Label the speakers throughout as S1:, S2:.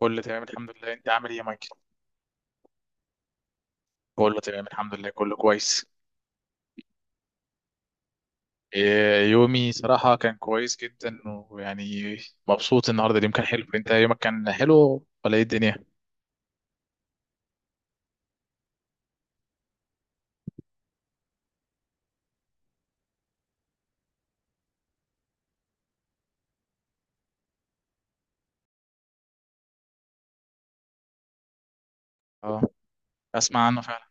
S1: كله تمام، الحمد لله. انت عامل ايه يا مايكل؟ كله تمام، الحمد لله، كله كويس. إيه، يومي صراحة كان كويس جدا ويعني مبسوط النهاردة. اليوم كان حلو. انت يومك كان حلو ولا ايه الدنيا؟ اه، اسمع عنه فعلا.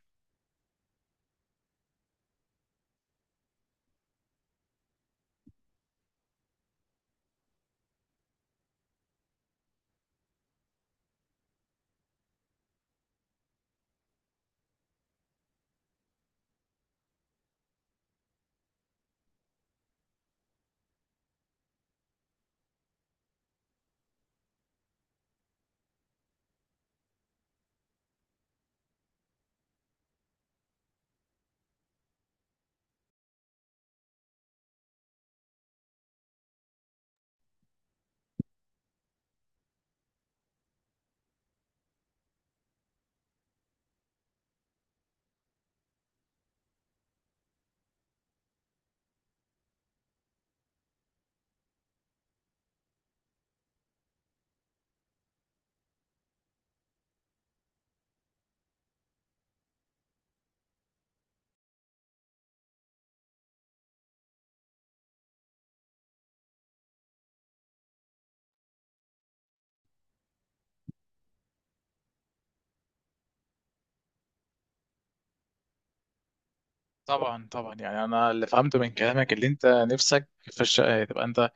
S1: طبعا طبعا، يعني انا اللي فهمته من كلامك اللي انت نفسك في الشقة تبقى انت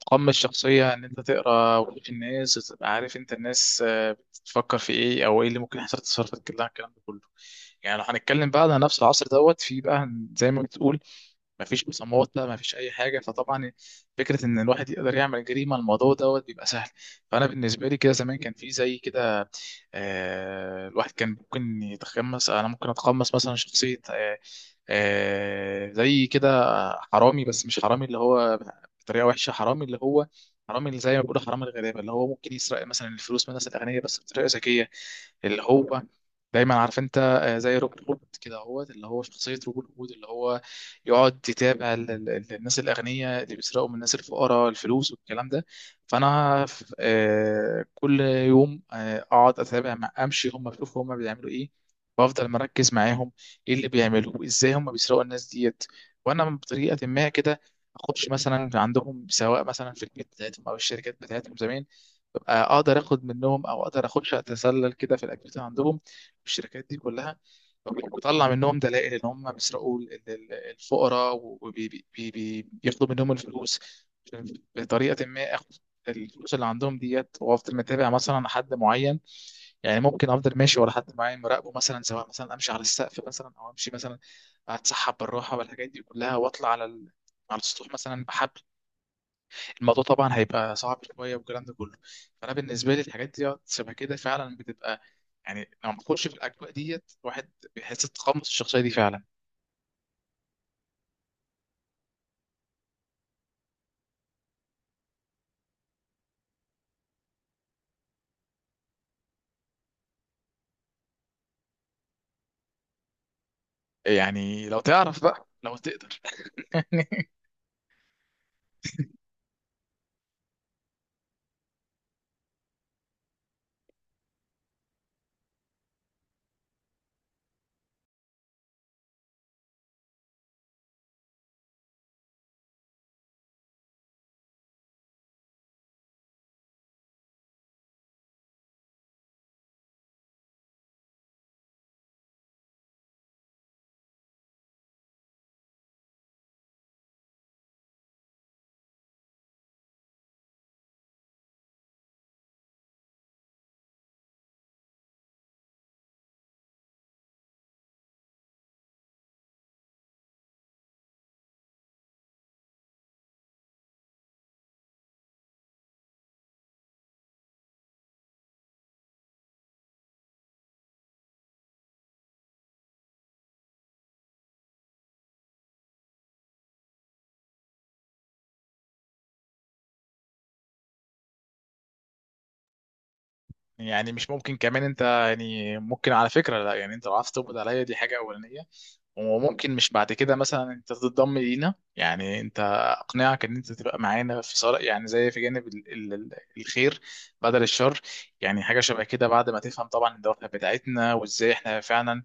S1: تقمص الشخصية ان انت تقرا وش الناس وتبقى عارف انت الناس بتفكر في ايه او ايه اللي ممكن يحصل، تصرفات كلها الكلام ده كله. يعني لو هنتكلم بقى على نفس العصر دوت، في بقى زي ما بتقول مفيش مسامحة مفيش أي حاجة، فطبعا فكرة إن الواحد يقدر يعمل جريمة الموضوع دوت بيبقى سهل. فأنا بالنسبة لي كده زمان كان في زي كده. الواحد كان ممكن يتقمص، انا ممكن اتقمص مثلا شخصية زي كده، حرامي، بس مش حرامي اللي هو بطريقة وحشة، حرامي اللي هو حرامي اللي زي ما بيقولوا حرامي الغلابة، اللي هو ممكن يسرق مثلا الفلوس من الناس الأغنياء بس بطريقة ذكية، اللي هو دايما عارف انت زي روبن هود كده، اهوت اللي هو شخصية روبن هود اللي هو يقعد يتابع الناس الأغنياء اللي بيسرقوا من الناس الفقراء الفلوس والكلام ده. فانا كل يوم اقعد اتابع مع امشي هم اشوف هم بيعملوا ايه، وافضل مركز معاهم ايه اللي بيعملوه، ازاي هم بيسرقوا الناس ديت، وانا بطريقه ما كده اخش مثلا عندهم سواء مثلا في البيت بتاعتهم او الشركات بتاعتهم زمان، ببقى اقدر اخد منهم او اقدر اخش اتسلل كده في الاكتيفيتي عندهم في الشركات دي كلها، بطلع منهم دلائل ان هم بيسرقوا الفقراء وبياخدوا منهم الفلوس بطريقه ما، الفلوس اللي عندهم ديت، وافضل متابع مثلا حد معين. يعني ممكن افضل ماشي ورا حد معين مراقبه، مثلا سواء مثلا امشي على السقف مثلا او امشي مثلا اتسحب بالراحه والحاجات دي كلها، واطلع على على السطوح مثلا بحبل. الموضوع طبعا هيبقى صعب شويه والكلام ده كله. فانا بالنسبه لي الحاجات دي شبه كده فعلا بتبقى، يعني لما بتخش في الاجواء ديت الواحد بيحس بتقمص الشخصيه دي فعلا. يعني لو تعرف بقى لو تقدر. يعني مش ممكن كمان انت، يعني ممكن على فكره، لا يعني انت لو عرفت تقبض عليا دي حاجه اولانيه، وممكن مش بعد كده مثلا انت تتضم لينا، يعني انت اقنعك ان انت تبقى معانا في صالح، يعني زي في جانب الخير بدل الشر. يعني حاجه شبه كده، بعد ما تفهم طبعا الدوافع بتاعتنا، وازاي احنا فعلا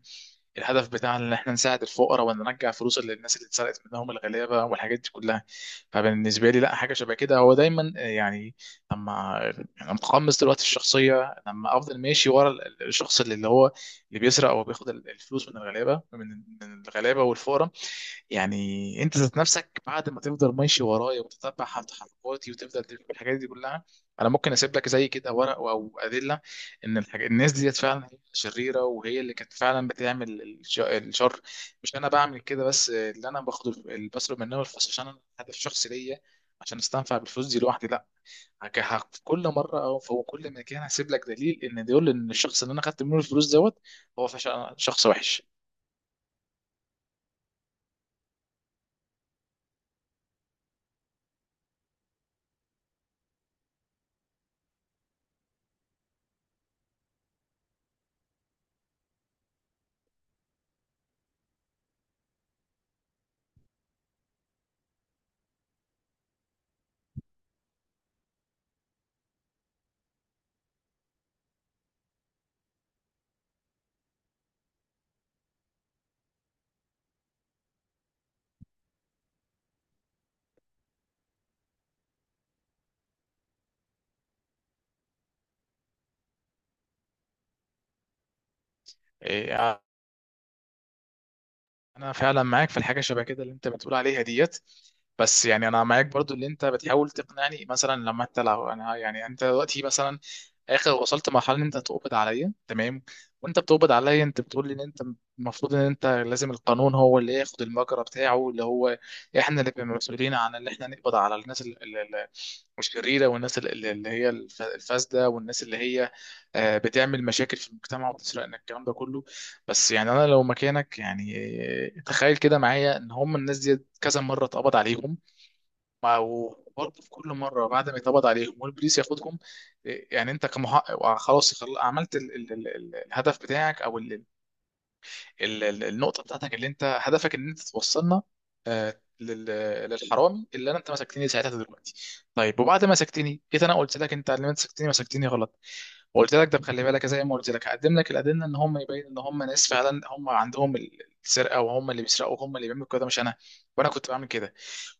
S1: الهدف بتاع ان احنا نساعد الفقراء، وان نرجع فلوس للناس اللي اتسرقت منهم الغلابه والحاجات دي كلها. فبالنسبه لي، لا حاجه شبه كده هو دايما، يعني لما انا متقمص دلوقتي الشخصيه، لما افضل ماشي ورا الشخص اللي هو اللي بيسرق او بياخد الفلوس من الغلابه، من الغلابه والفقراء، يعني انت ذات نفسك بعد ما تفضل ماشي ورايا وتتبع تحركاتي وتفضل تفهم الحاجات دي كلها، انا ممكن اسيب لك زي كده ورق او ادله ان الناس ديت فعلا هي شريره، وهي اللي كانت فعلا بتعمل الشر، مش انا بعمل كده، بس اللي انا باخد اللي بصرف منها الفلوس عشان انا هدف شخصي ليا عشان استنفع بالفلوس دي لوحدي، لا. في كل مره او في كل مكان هسيب لك دليل ان ديقول ان الشخص اللي انا خدت منه الفلوس دوت هو فعلا شخص وحش. إيه، انا فعلا معاك في الحاجه شبه كده اللي انت بتقول عليها ديت، بس يعني انا معاك برضو اللي انت بتحاول تقنعني، مثلا لما انت لو انا، يعني انت دلوقتي مثلا اخر وصلت مرحله ان انت تقبض عليا، تمام، وانت بتقبض عليا انت بتقول لي ان انت المفروض ان انت لازم القانون هو اللي ياخد المجرى بتاعه، اللي هو احنا اللي بنبقى مسؤولين عن اللي احنا نقبض على الناس الشريره، والناس اللي هي الفاسده، والناس اللي هي بتعمل مشاكل في المجتمع وبتسرقنا الكلام ده كله. بس يعني انا لو مكانك، يعني تخيل كده معايا ان هم الناس دي كذا مره اتقبض عليهم، ما هو برضه في كل مره بعد ما يتقبض عليهم والبوليس ياخدهم. إيه، يعني انت كمحقق خلاص عملت ال ال ال ال الهدف بتاعك او ال ال ال النقطه بتاعتك اللي انت هدفك ان انت توصلنا لل- للحرامي، اللي انا انت مسكتني ساعتها دلوقتي. طيب، وبعد ما مسكتني جيت انا قلت لك انت اللي مسكتني، مسكتني غلط، وقلت لك ده خلي بالك زي ما قلت لك هقدم لك الادله ان هم، يبين ان هم ناس فعلا هم عندهم السرقه، وهم اللي بيسرقوا وهم اللي بيعملوا كده مش انا، وانا كنت بعمل كده.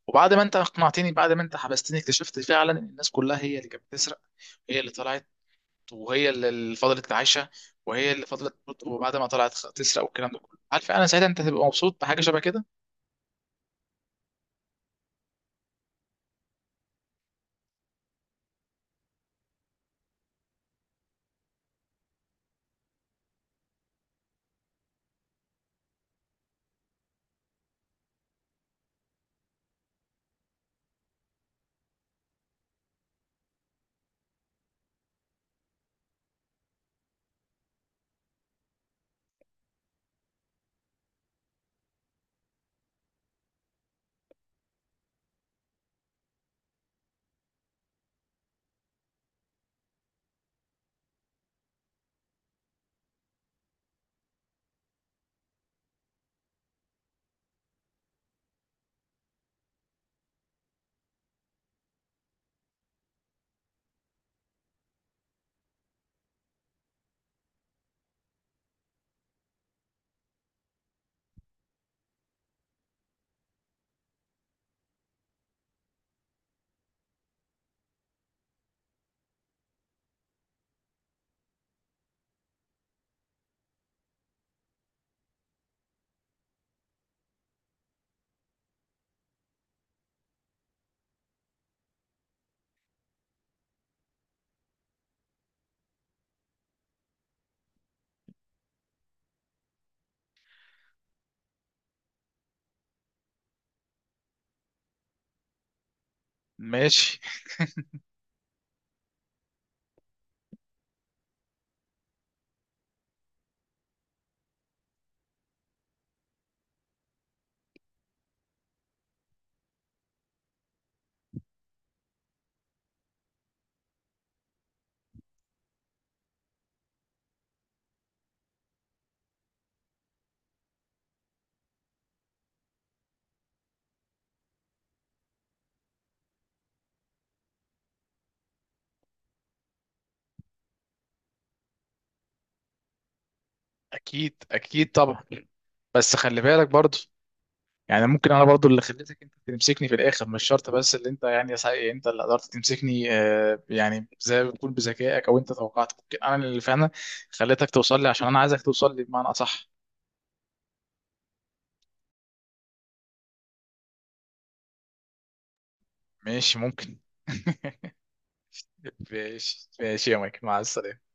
S1: وبعد ما انت اقنعتني، بعد ما انت حبستني اكتشفت فعلا ان الناس كلها هي اللي كانت بتسرق، هي اللي طلعت وهي اللي فضلت عايشه، وهي اللي فضلت وبعد ما طلعت تسرق والكلام ده كله، عارف انا ساعتها انت هتبقى مبسوط بحاجه شبه كده. ماشي. اكيد اكيد طبعا. بس خلي بالك برضو، يعني ممكن انا برضو اللي خليتك انت تمسكني في الاخر، مش شرط بس اللي انت، يعني يا سعيد انت اللي قدرت تمسكني، يعني زي ما بتقول بذكائك، او انت توقعت ممكن انا اللي فعلا خليتك توصل لي عشان انا عايزك توصل لي بمعنى اصح. ماشي ممكن. ماشي ماشي يا مايك، مع السلامة.